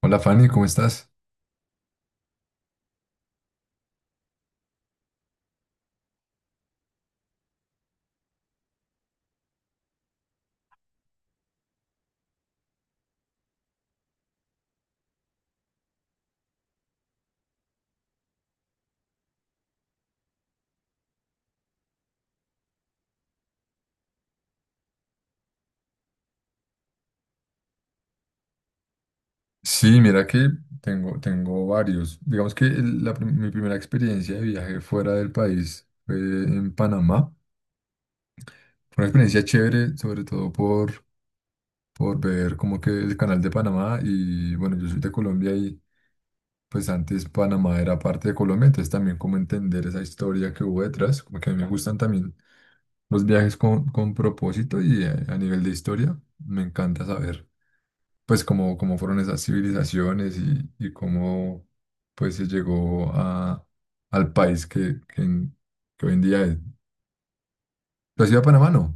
Hola Fanny, ¿cómo estás? Sí, mira que tengo varios. Digamos que mi primera experiencia de viaje fuera del país fue en Panamá. Fue una experiencia chévere, sobre todo por ver como que el canal de Panamá y bueno, yo soy de Colombia y pues antes Panamá era parte de Colombia, entonces también como entender esa historia que hubo detrás, como que a mí me gustan también los viajes con propósito y a nivel de historia, me encanta saber. Pues cómo fueron esas civilizaciones y cómo pues se llegó al país que hoy en día es. ¿Tú has ido a Panamá, no?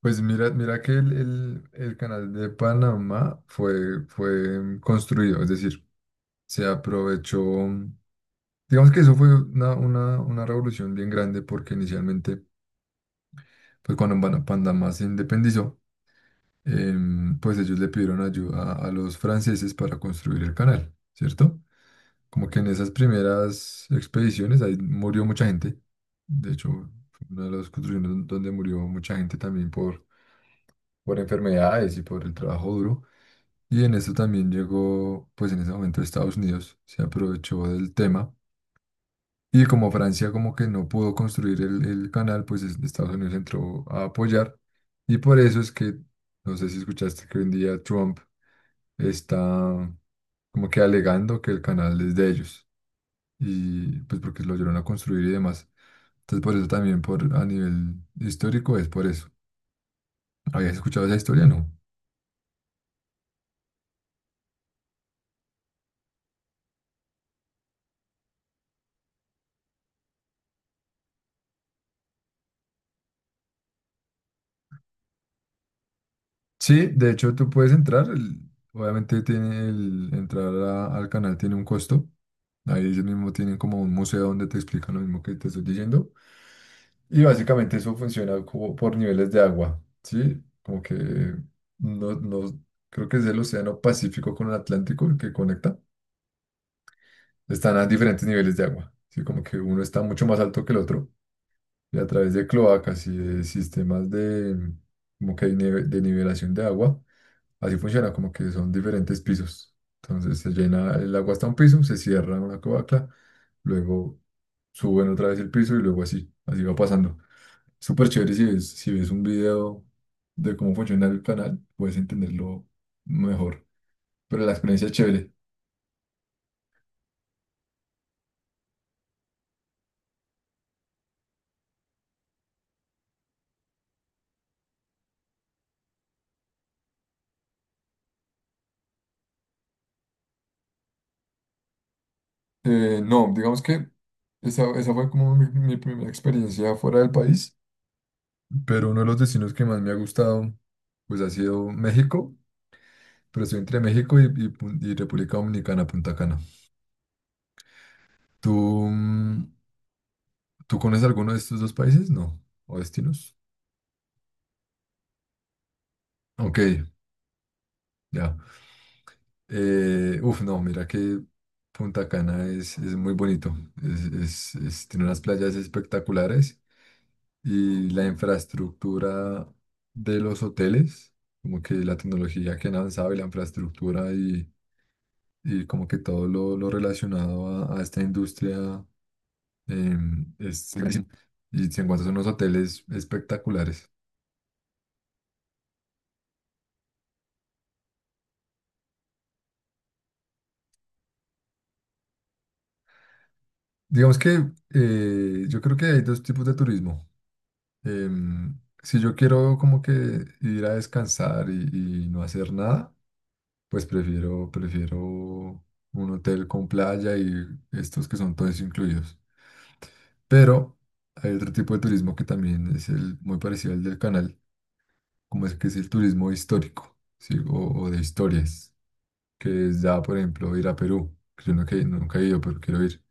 Pues mira que el canal de Panamá fue construido, es decir, se aprovechó, digamos que eso fue una revolución bien grande porque inicialmente, pues cuando Panamá se independizó, pues ellos le pidieron ayuda a los franceses para construir el canal, ¿cierto? Como que en esas primeras expediciones ahí murió mucha gente. De hecho, fue una de las construcciones donde murió mucha gente también por enfermedades y por el trabajo duro. Y en eso también llegó, pues en ese momento Estados Unidos se aprovechó del tema. Y como Francia como que no pudo construir el canal, pues Estados Unidos entró a apoyar. Y por eso es que, no sé si escuchaste que hoy en día Trump está como que alegando que el canal es de ellos. Y pues porque lo ayudaron a construir y demás. Entonces por eso también por a nivel histórico es por eso. ¿Habías escuchado esa historia? No. Sí, de hecho tú puedes entrar, obviamente tiene el entrar al canal tiene un costo. Ahí ellos mismos tienen como un museo donde te explican lo mismo que te estoy diciendo. Y básicamente eso funciona como por niveles de agua, ¿sí? Como que no creo que es el Océano Pacífico con el Atlántico el que conecta. Están a diferentes niveles de agua, ¿sí? Como que uno está mucho más alto que el otro. Y a través de cloacas y de sistemas de, como que de de nivelación de agua. Así funciona, como que son diferentes pisos. Entonces se llena el agua hasta un piso, se cierra una cloaca, luego suben otra vez el piso y luego así va pasando. Súper chévere si ves un video de cómo funciona el canal, puedes entenderlo mejor. Pero la experiencia es chévere. No, digamos que esa fue como mi primera experiencia fuera del país. Pero uno de los destinos que más me ha gustado, pues ha sido México, pero estoy entre México y República Dominicana, Punta Cana. ¿Tú, mm, tú conoces alguno de estos dos países? No, o destinos. Ok, ya. Uf, no, mira que Punta Cana es muy bonito, es, tiene unas playas espectaculares y la infraestructura de los hoteles, como que la tecnología que han avanzado y la infraestructura y como que todo lo relacionado a esta industria es carísimo. Y se encuentran unos hoteles espectaculares. Digamos que yo creo que hay dos tipos de turismo. Em, si yo quiero como que ir a descansar y no hacer nada, pues prefiero un hotel con playa y estos que son todos incluidos. Pero hay otro tipo de turismo que también es el, muy parecido al del canal como es que es el turismo histórico, ¿sí? O de historias, que es ya, por ejemplo, ir a Perú, que yo nunca, nunca he ido, pero quiero ir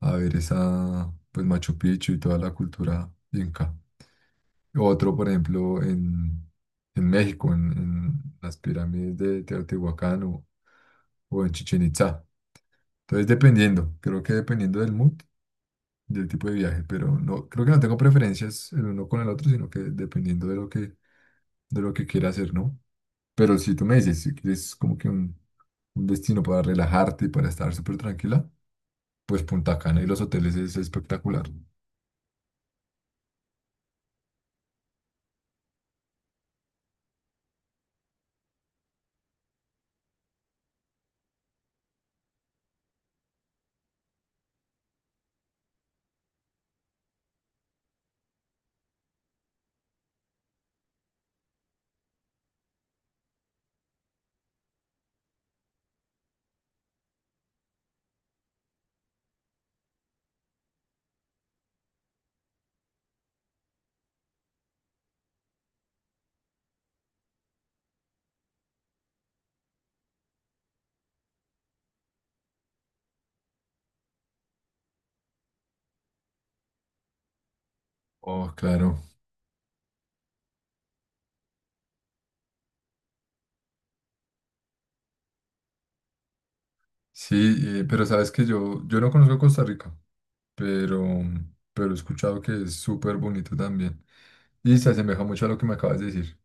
a ver esa, pues Machu Picchu y toda la cultura inca. Otro, por ejemplo, en México, en las pirámides de Teotihuacán o en Chichén Itzá. Entonces, dependiendo, creo que dependiendo del mood, del tipo de viaje, pero no, creo que no tengo preferencias el uno con el otro, sino que dependiendo de lo que quiera hacer, ¿no? Pero si tú me dices, si quieres como que un destino para relajarte y para estar súper tranquila, pues Punta Cana y los hoteles es espectacular. Oh, claro. Sí, pero sabes que yo no conozco Costa Rica, pero, pero he escuchado que es súper bonito también. Y se asemeja mucho a lo que me acabas de decir.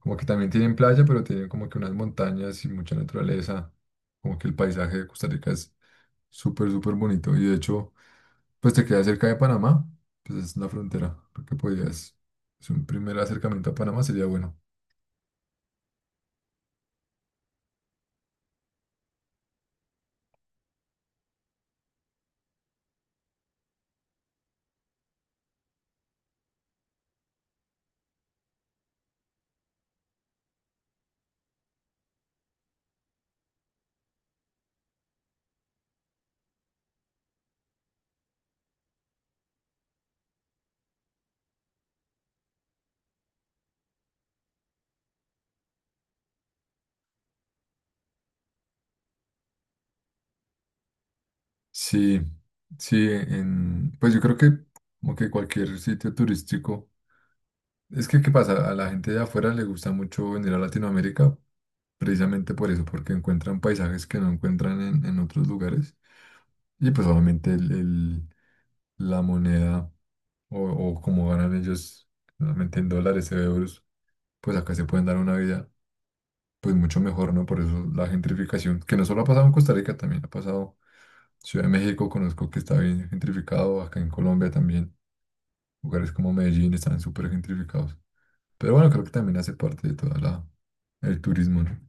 Como que también tienen playa, pero tienen como que unas montañas y mucha naturaleza. Como que el paisaje de Costa Rica es súper, súper bonito. Y de hecho... Pues te queda cerca de Panamá, pues es la frontera. Creo que podías, es un primer acercamiento a Panamá sería bueno. Sí, sí, en, pues yo creo que como que cualquier sitio turístico. Es que, ¿qué pasa? A la gente de afuera le gusta mucho venir a Latinoamérica precisamente por eso, porque encuentran paisajes que no encuentran en otros lugares. Y pues obviamente la moneda o como ganan ellos, normalmente en dólares o euros, pues acá se pueden dar una vida pues mucho mejor, ¿no? Por eso la gentrificación, que no solo ha pasado en Costa Rica, también ha pasado en Ciudad de México, conozco que está bien gentrificado, acá en Colombia también, lugares como Medellín están súper gentrificados. Pero bueno, creo que también hace parte de toda la, el turismo, ¿no?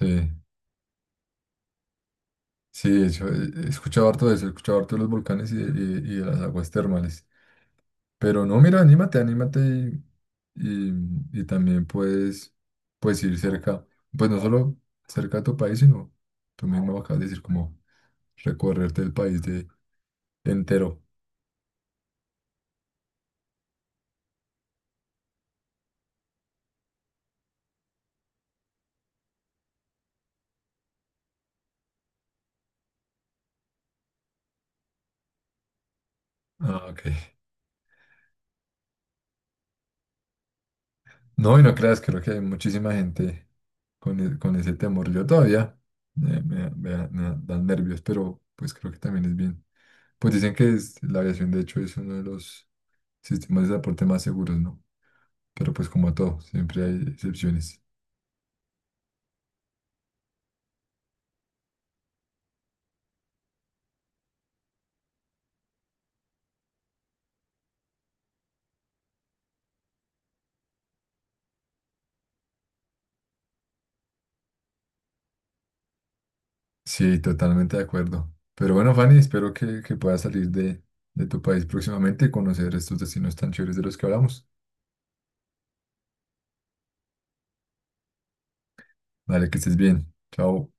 Sí, sí, eso, he escuchado harto de eso, he escuchado harto de los volcanes y de las aguas termales. Pero no, mira, anímate y, y también puedes ir cerca, pues no solo cerca de tu país, sino tú mismo acabas de decir como recorrerte el país de entero. Ah, ok. No, y no creas, creo que hay muchísima gente con ese temor. Yo todavía me dan nervios, pero pues creo que también es bien. Pues dicen que la aviación, de hecho, es uno de los sistemas de transporte más seguros, ¿no? Pero pues como todo, siempre hay excepciones. Sí, totalmente de acuerdo. Pero bueno, Fanny, espero que puedas salir de tu país próximamente y conocer estos destinos tan chéveres de los que hablamos. Dale, que estés bien. Chao.